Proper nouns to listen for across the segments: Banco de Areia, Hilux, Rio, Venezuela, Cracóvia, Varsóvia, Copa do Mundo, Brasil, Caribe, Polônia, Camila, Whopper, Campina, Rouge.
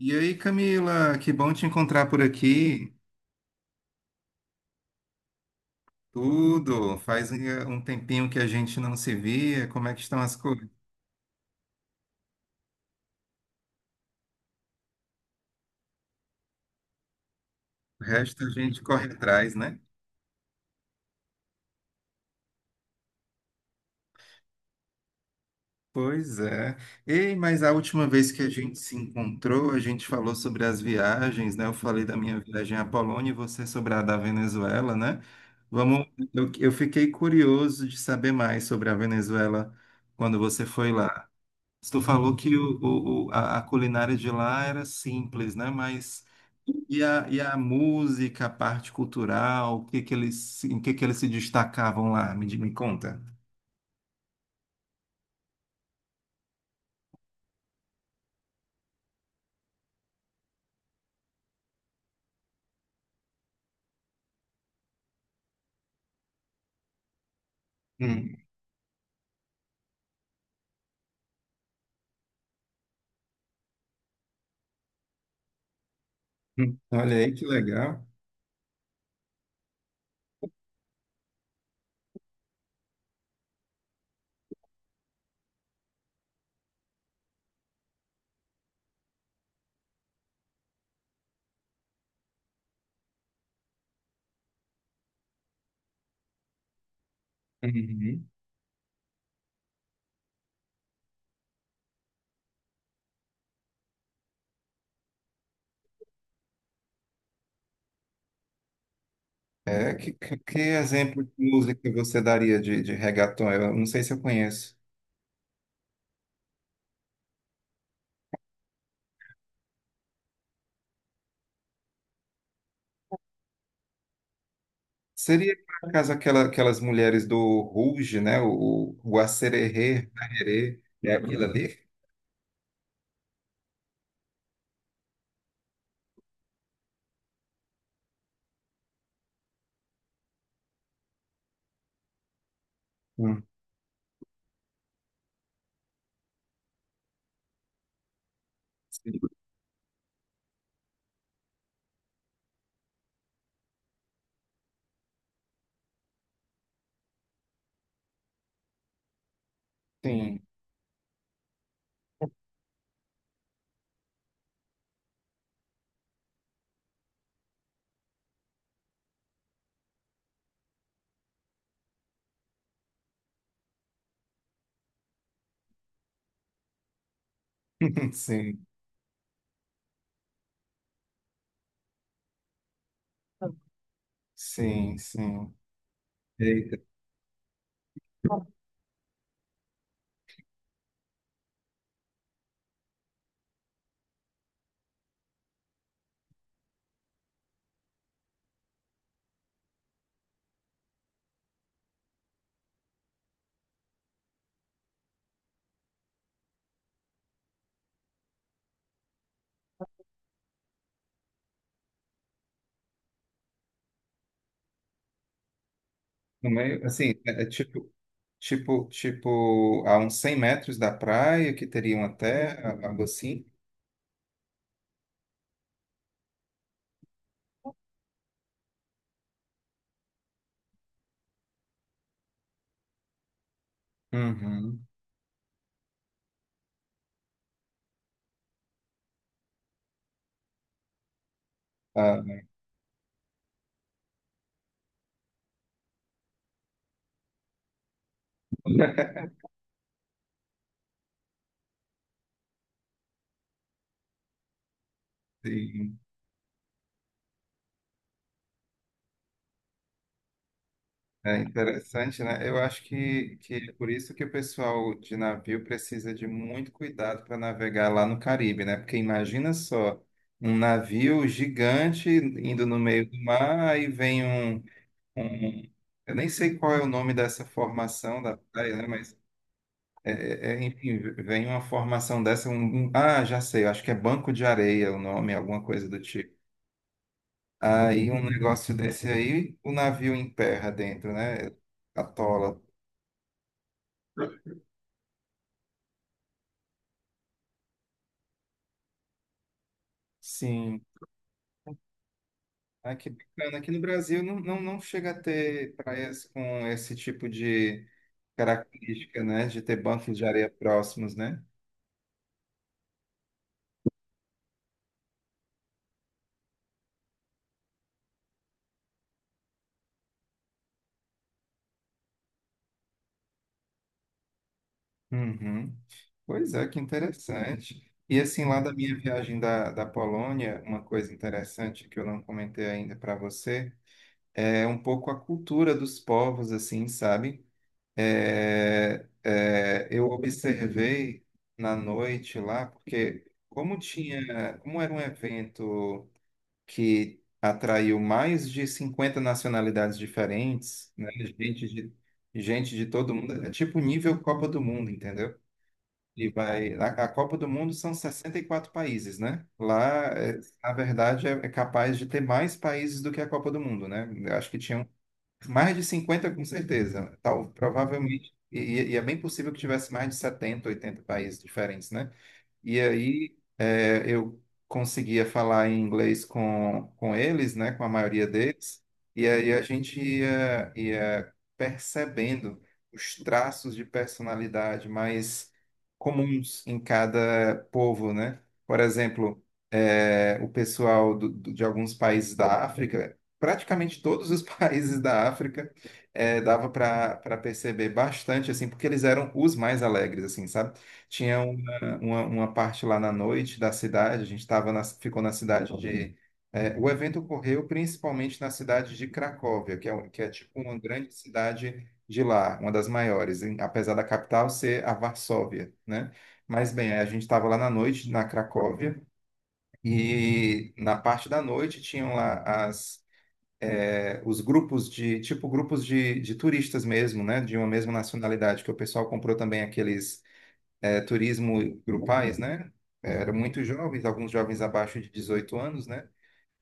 E aí, Camila, que bom te encontrar por aqui. Tudo. Faz um tempinho que a gente não se via. Como é que estão as coisas? O resto a gente corre atrás, né? Pois é. Ei, mas a última vez que a gente se encontrou, a gente falou sobre as viagens, né? Eu falei da minha viagem à Polônia e você sobre a da Venezuela, né? Vamos, eu fiquei curioso de saber mais sobre a Venezuela quando você foi lá. Tu falou que a culinária de lá era simples, né? Mas e a música, a parte cultural, o que que eles, se- em que eles se destacavam lá? Me conta. Hum, Olha aí que legal. Uhum. É, que exemplo de música você daria de reggaeton? Eu não sei se eu conheço. Seria, por acaso, aquelas mulheres do Rouge, né? O Acererê, Arerê, é aquilo ali? Hum. Sim, sim, sim, sim. Eita, também, assim, é tipo. Tipo, a uns 100 metros da praia, que teria uma terra, algo assim. Uhum. Ah, sim. É interessante, né? Eu acho que é por isso que o pessoal de navio precisa de muito cuidado para navegar lá no Caribe, né? Porque imagina só, um navio gigante indo no meio do mar, aí vem um. Eu nem sei qual é o nome dessa formação da praia, né? É, enfim, vem uma formação dessa, ah, já sei, eu acho que é Banco de Areia o nome, alguma coisa do tipo. Aí um negócio desse aí, o navio emperra dentro, né? Atola. Sim. Ah, que bacana. Aqui no Brasil não, não, não chega a ter praias com esse tipo de característica, né? De ter bancos de areia próximos, né? Uhum. Pois é, que interessante. E assim, lá da minha viagem da Polônia, uma coisa interessante que eu não comentei ainda para você é um pouco a cultura dos povos, assim, sabe? Eu observei na noite lá, porque como tinha, como era um evento que atraiu mais de 50 nacionalidades diferentes, né? Gente de, gente de todo mundo, é tipo nível Copa do Mundo, entendeu? A Copa do Mundo são 64 países, né? Lá, é, na verdade, é capaz de ter mais países do que a Copa do Mundo, né? Eu acho que tinham mais de 50 com certeza. Tal, provavelmente, e é bem possível que tivesse mais de 70, 80 países diferentes, né? E aí eu conseguia falar em inglês com eles, né, com a maioria deles, e aí a gente ia percebendo os traços de personalidade mais comuns em cada povo, né? Por exemplo, o pessoal de alguns países da África, praticamente todos os países da África, dava para perceber bastante, assim, porque eles eram os mais alegres, assim, sabe? Tinha uma parte lá na noite da cidade, a gente ficou na cidade de. O evento ocorreu principalmente na cidade de Cracóvia, que é tipo uma grande cidade de lá, uma das maiores, apesar da capital ser a Varsóvia, né? Mas bem, a gente estava lá na noite na Cracóvia e na parte da noite tinham lá os grupos de turistas mesmo, né? De uma mesma nacionalidade, que o pessoal comprou também aqueles turismo grupais, né? Eram muito jovens, alguns jovens abaixo de 18 anos, né?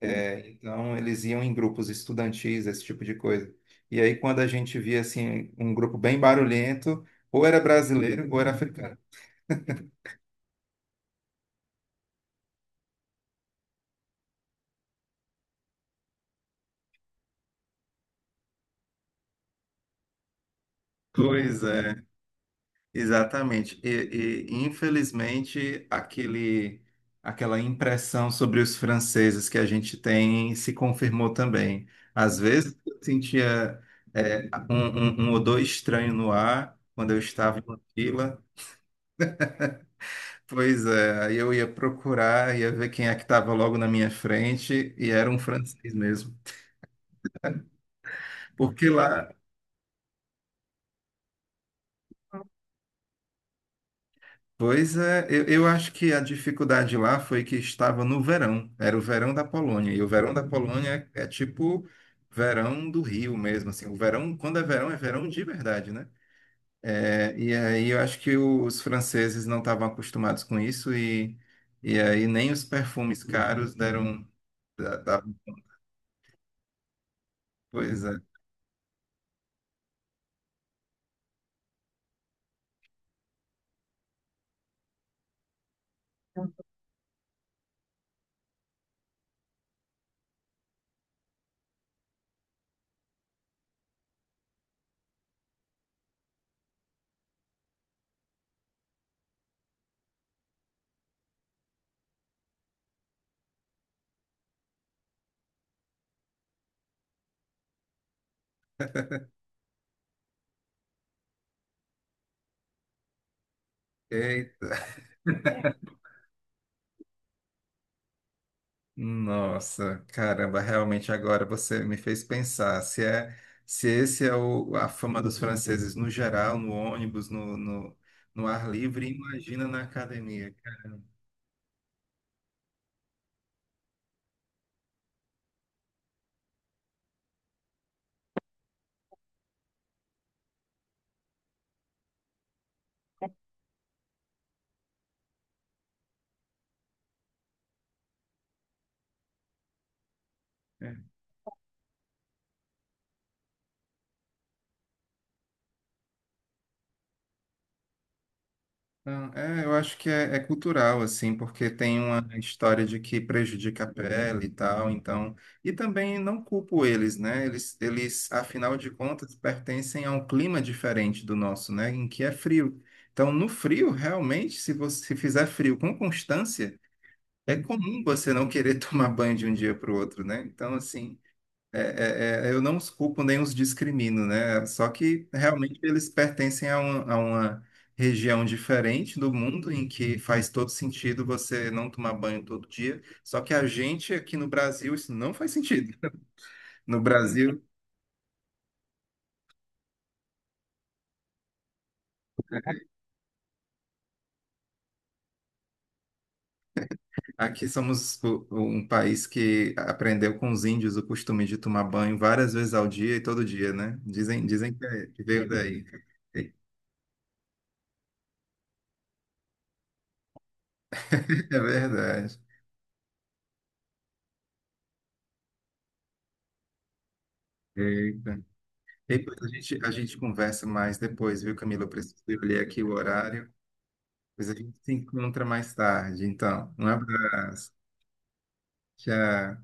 É, então, eles iam em grupos estudantis, esse tipo de coisa. E aí, quando a gente via, assim, um grupo bem barulhento, ou era brasileiro ou era africano. Pois é. Exatamente. E, infelizmente, aquela impressão sobre os franceses que a gente tem se confirmou também. Às vezes eu sentia um odor estranho no ar quando eu estava em uma fila. Pois é, aí eu ia procurar, ia ver quem é que estava logo na minha frente e era um francês mesmo. Porque lá, pois é, eu acho que a dificuldade lá foi que estava no verão, era o verão da Polônia, e o verão da Polônia é tipo verão do Rio mesmo, assim, o verão, quando é verão de verdade, né? É, e aí eu acho que os franceses não estavam acostumados com isso, e aí nem os perfumes caros deram... Da, da, Pois é, nossa, caramba, realmente agora você me fez pensar se é se esse é a fama dos franceses no geral, no ônibus, no ar livre, imagina na academia. É. Não, eu acho que é cultural, assim, porque tem uma história de que prejudica a pele e tal, então. E também não culpo eles, né? Eles, afinal de contas, pertencem a um clima diferente do nosso, né? Em que é frio. Então, no frio, realmente, se você se fizer frio com constância, é comum você não querer tomar banho de um dia para o outro, né? Então, assim, eu não os culpo nem os discrimino, né? Só que realmente eles pertencem a uma região diferente do mundo em que faz todo sentido você não tomar banho todo dia. Só que a gente aqui no Brasil, isso não faz sentido. No Brasil, aqui somos um país que aprendeu com os índios o costume de tomar banho várias vezes ao dia e todo dia, né? Dizem, que que veio daí. É verdade. Eita. E depois a gente conversa mais depois, viu, Camila? Eu preciso olhar aqui o horário. Depois a gente se encontra mais tarde. Então, um abraço. Tchau.